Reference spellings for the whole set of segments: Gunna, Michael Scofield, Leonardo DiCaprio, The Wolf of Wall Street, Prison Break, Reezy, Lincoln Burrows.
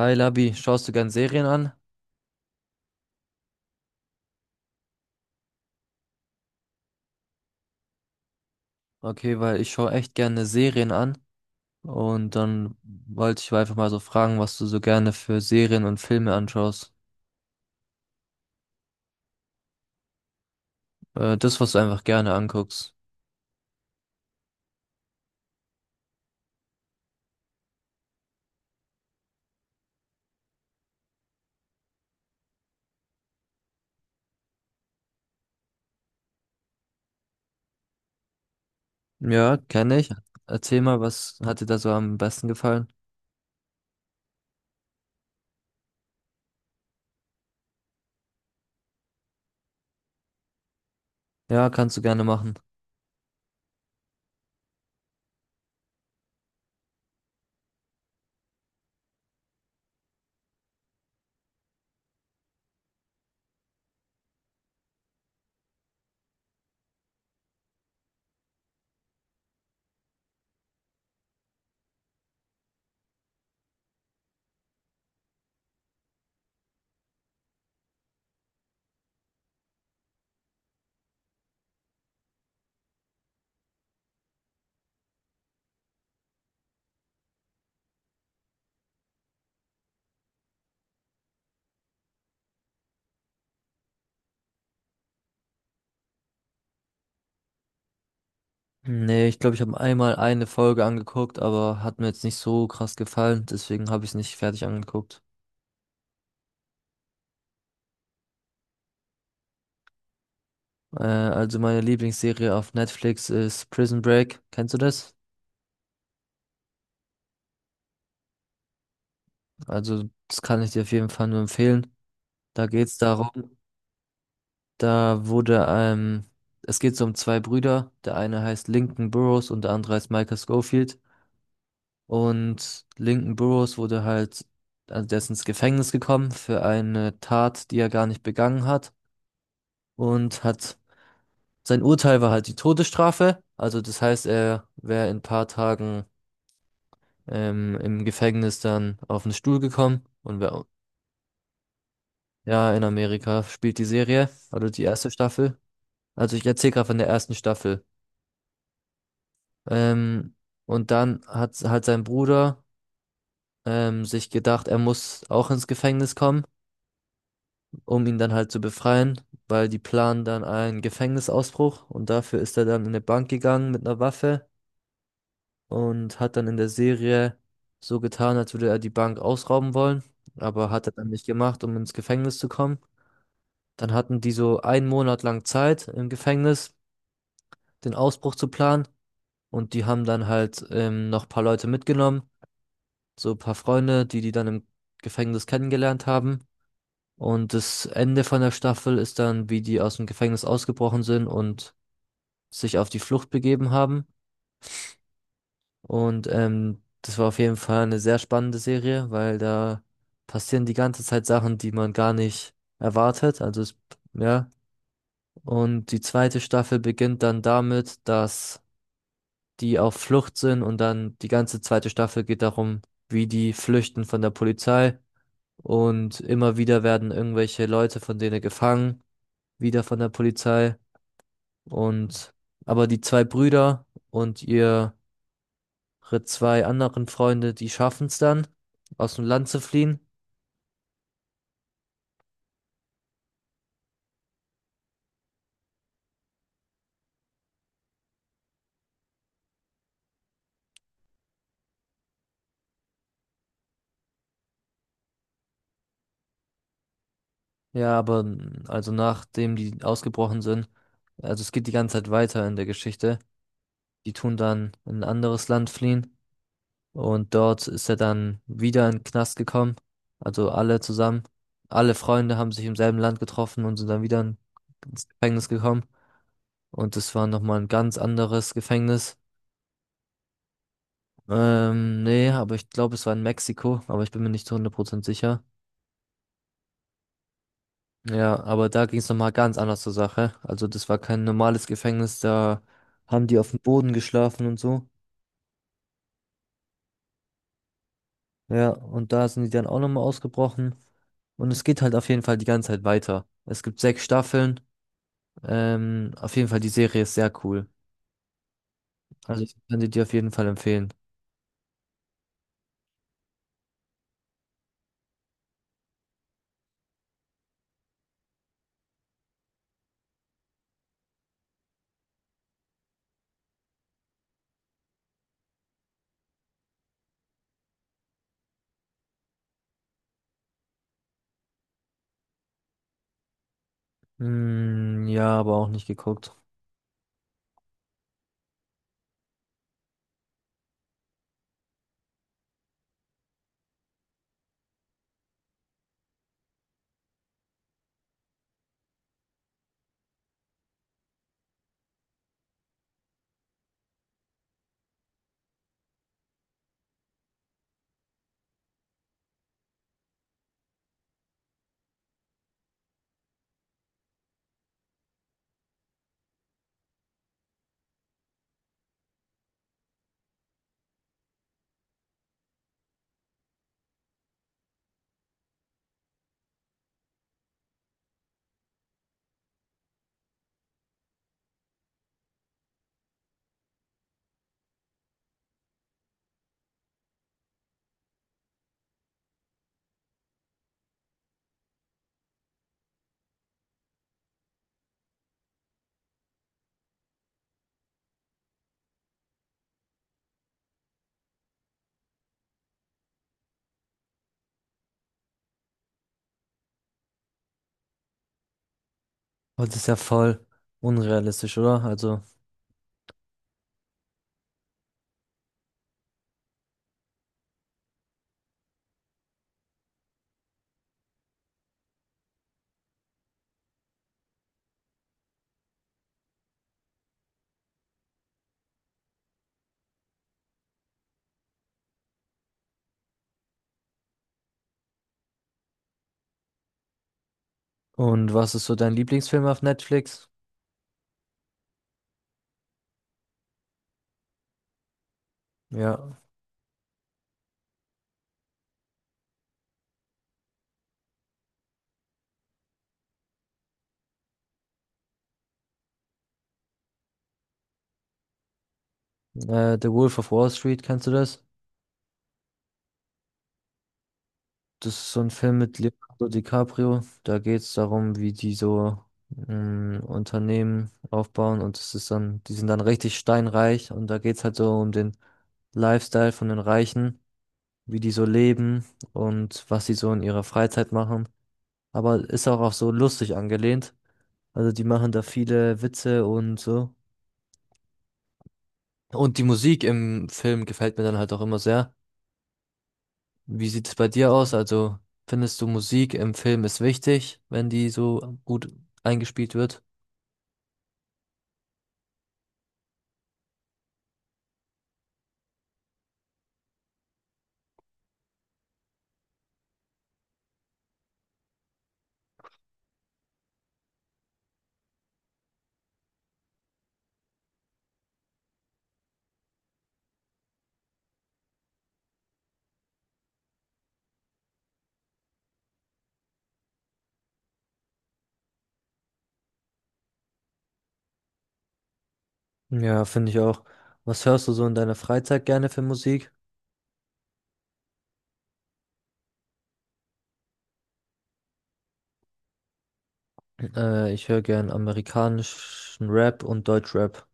Hi Labi, schaust du gern Serien an? Okay, weil ich schaue echt gerne Serien an. Und dann wollte ich einfach mal so fragen, was du so gerne für Serien und Filme anschaust. Das, was du einfach gerne anguckst. Ja, kenne ich. Erzähl mal, was hat dir da so am besten gefallen? Ja, kannst du gerne machen. Nee, ich glaube, ich habe einmal eine Folge angeguckt, aber hat mir jetzt nicht so krass gefallen. Deswegen habe ich es nicht fertig angeguckt. Also meine Lieblingsserie auf Netflix ist Prison Break. Kennst du das? Also, das kann ich dir auf jeden Fall nur empfehlen. Da geht's darum, da wurde, es geht so um zwei Brüder. Der eine heißt Lincoln Burrows und der andere heißt Michael Scofield. Und Lincoln Burrows wurde halt, also der ist ins Gefängnis gekommen für eine Tat, die er gar nicht begangen hat. Und hat, sein Urteil war halt die Todesstrafe. Also, das heißt, er wäre in ein paar Tagen, im Gefängnis dann auf den Stuhl gekommen und wäre, ja, in Amerika spielt die Serie, also die erste Staffel. Also ich erzähle gerade von der ersten Staffel. Ähm, und dann hat halt sein Bruder sich gedacht, er muss auch ins Gefängnis kommen, um ihn dann halt zu befreien, weil die planen dann einen Gefängnisausbruch und dafür ist er dann in eine Bank gegangen mit einer Waffe und hat dann in der Serie so getan, als würde er die Bank ausrauben wollen, aber hat er dann nicht gemacht, um ins Gefängnis zu kommen. Dann hatten die so einen Monat lang Zeit im Gefängnis, den Ausbruch zu planen. Und die haben dann halt noch ein paar Leute mitgenommen, so ein paar Freunde, die dann im Gefängnis kennengelernt haben. Und das Ende von der Staffel ist dann, wie die aus dem Gefängnis ausgebrochen sind und sich auf die Flucht begeben haben. Und das war auf jeden Fall eine sehr spannende Serie, weil da passieren die ganze Zeit Sachen, die man gar nicht erwartet. Also es, ja. Und die zweite Staffel beginnt dann damit, dass die auf Flucht sind und dann die ganze zweite Staffel geht darum, wie die flüchten von der Polizei. Und immer wieder werden irgendwelche Leute von denen gefangen, wieder von der Polizei. Und aber die zwei Brüder und ihre zwei anderen Freunde, die schaffen es dann, aus dem Land zu fliehen. Ja, aber also nachdem die ausgebrochen sind, also es geht die ganze Zeit weiter in der Geschichte. Die tun dann in ein anderes Land fliehen. Und dort ist er dann wieder in den Knast gekommen. Also alle zusammen. Alle Freunde haben sich im selben Land getroffen und sind dann ins Gefängnis gekommen. Und das war nochmal ein ganz anderes Gefängnis. Nee, aber ich glaube, es war in Mexiko, aber ich bin mir nicht zu 100% sicher. Ja, aber da ging es nochmal ganz anders zur Sache. Also das war kein normales Gefängnis, da haben die auf dem Boden geschlafen und so. Ja, und da sind die dann auch nochmal ausgebrochen. Und es geht halt auf jeden Fall die ganze Zeit weiter. Es gibt sechs Staffeln. Auf jeden Fall, die Serie ist sehr cool. Also ich kann sie dir auf jeden Fall empfehlen. Hm, ja, aber auch nicht geguckt. Und das ist ja voll unrealistisch, oder? Also, und was ist so dein Lieblingsfilm auf Netflix? Ja, The Wolf of Wall Street, kennst du das? Das ist so ein Film mit Leonardo DiCaprio. Da geht es darum, wie die so Unternehmen aufbauen und es ist dann, die sind dann richtig steinreich und da geht es halt so um den Lifestyle von den Reichen, wie die so leben und was sie so in ihrer Freizeit machen. Aber ist auch, auch so lustig angelehnt. Also die machen da viele Witze und so. Und die Musik im Film gefällt mir dann halt auch immer sehr. Wie sieht es bei dir aus? Also findest du Musik im Film ist wichtig, wenn die so gut eingespielt wird? Ja, finde ich auch. Was hörst du so in deiner Freizeit gerne für Musik? Ich höre gern amerikanischen Rap und Deutschrap.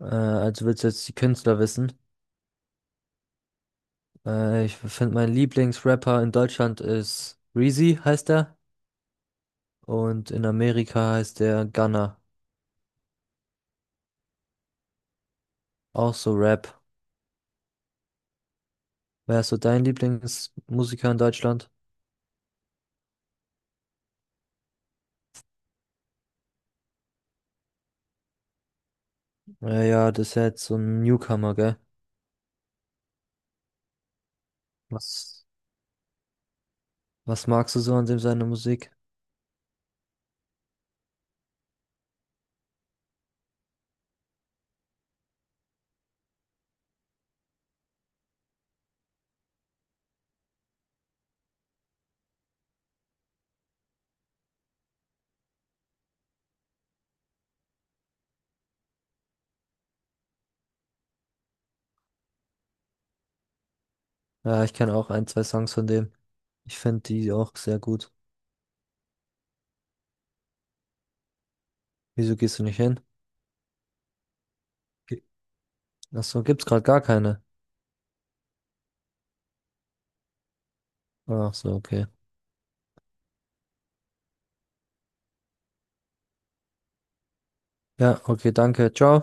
Also willst du jetzt die Künstler wissen? Ich finde, mein Lieblingsrapper in Deutschland ist Reezy, heißt er. Und in Amerika heißt er Gunna. Auch so Rap. Wer ist so dein Lieblingsmusiker in Deutschland? Ja, das ist ja jetzt so ein Newcomer, gell? Was, was magst du so an dem seiner Musik? Ja, ich kenne auch ein, zwei Songs von dem. Ich finde die auch sehr gut. Wieso gehst du nicht hin? Ge- Ach so, gibt's gerade gar keine. Ach so, okay. Ja, okay, danke. Ciao.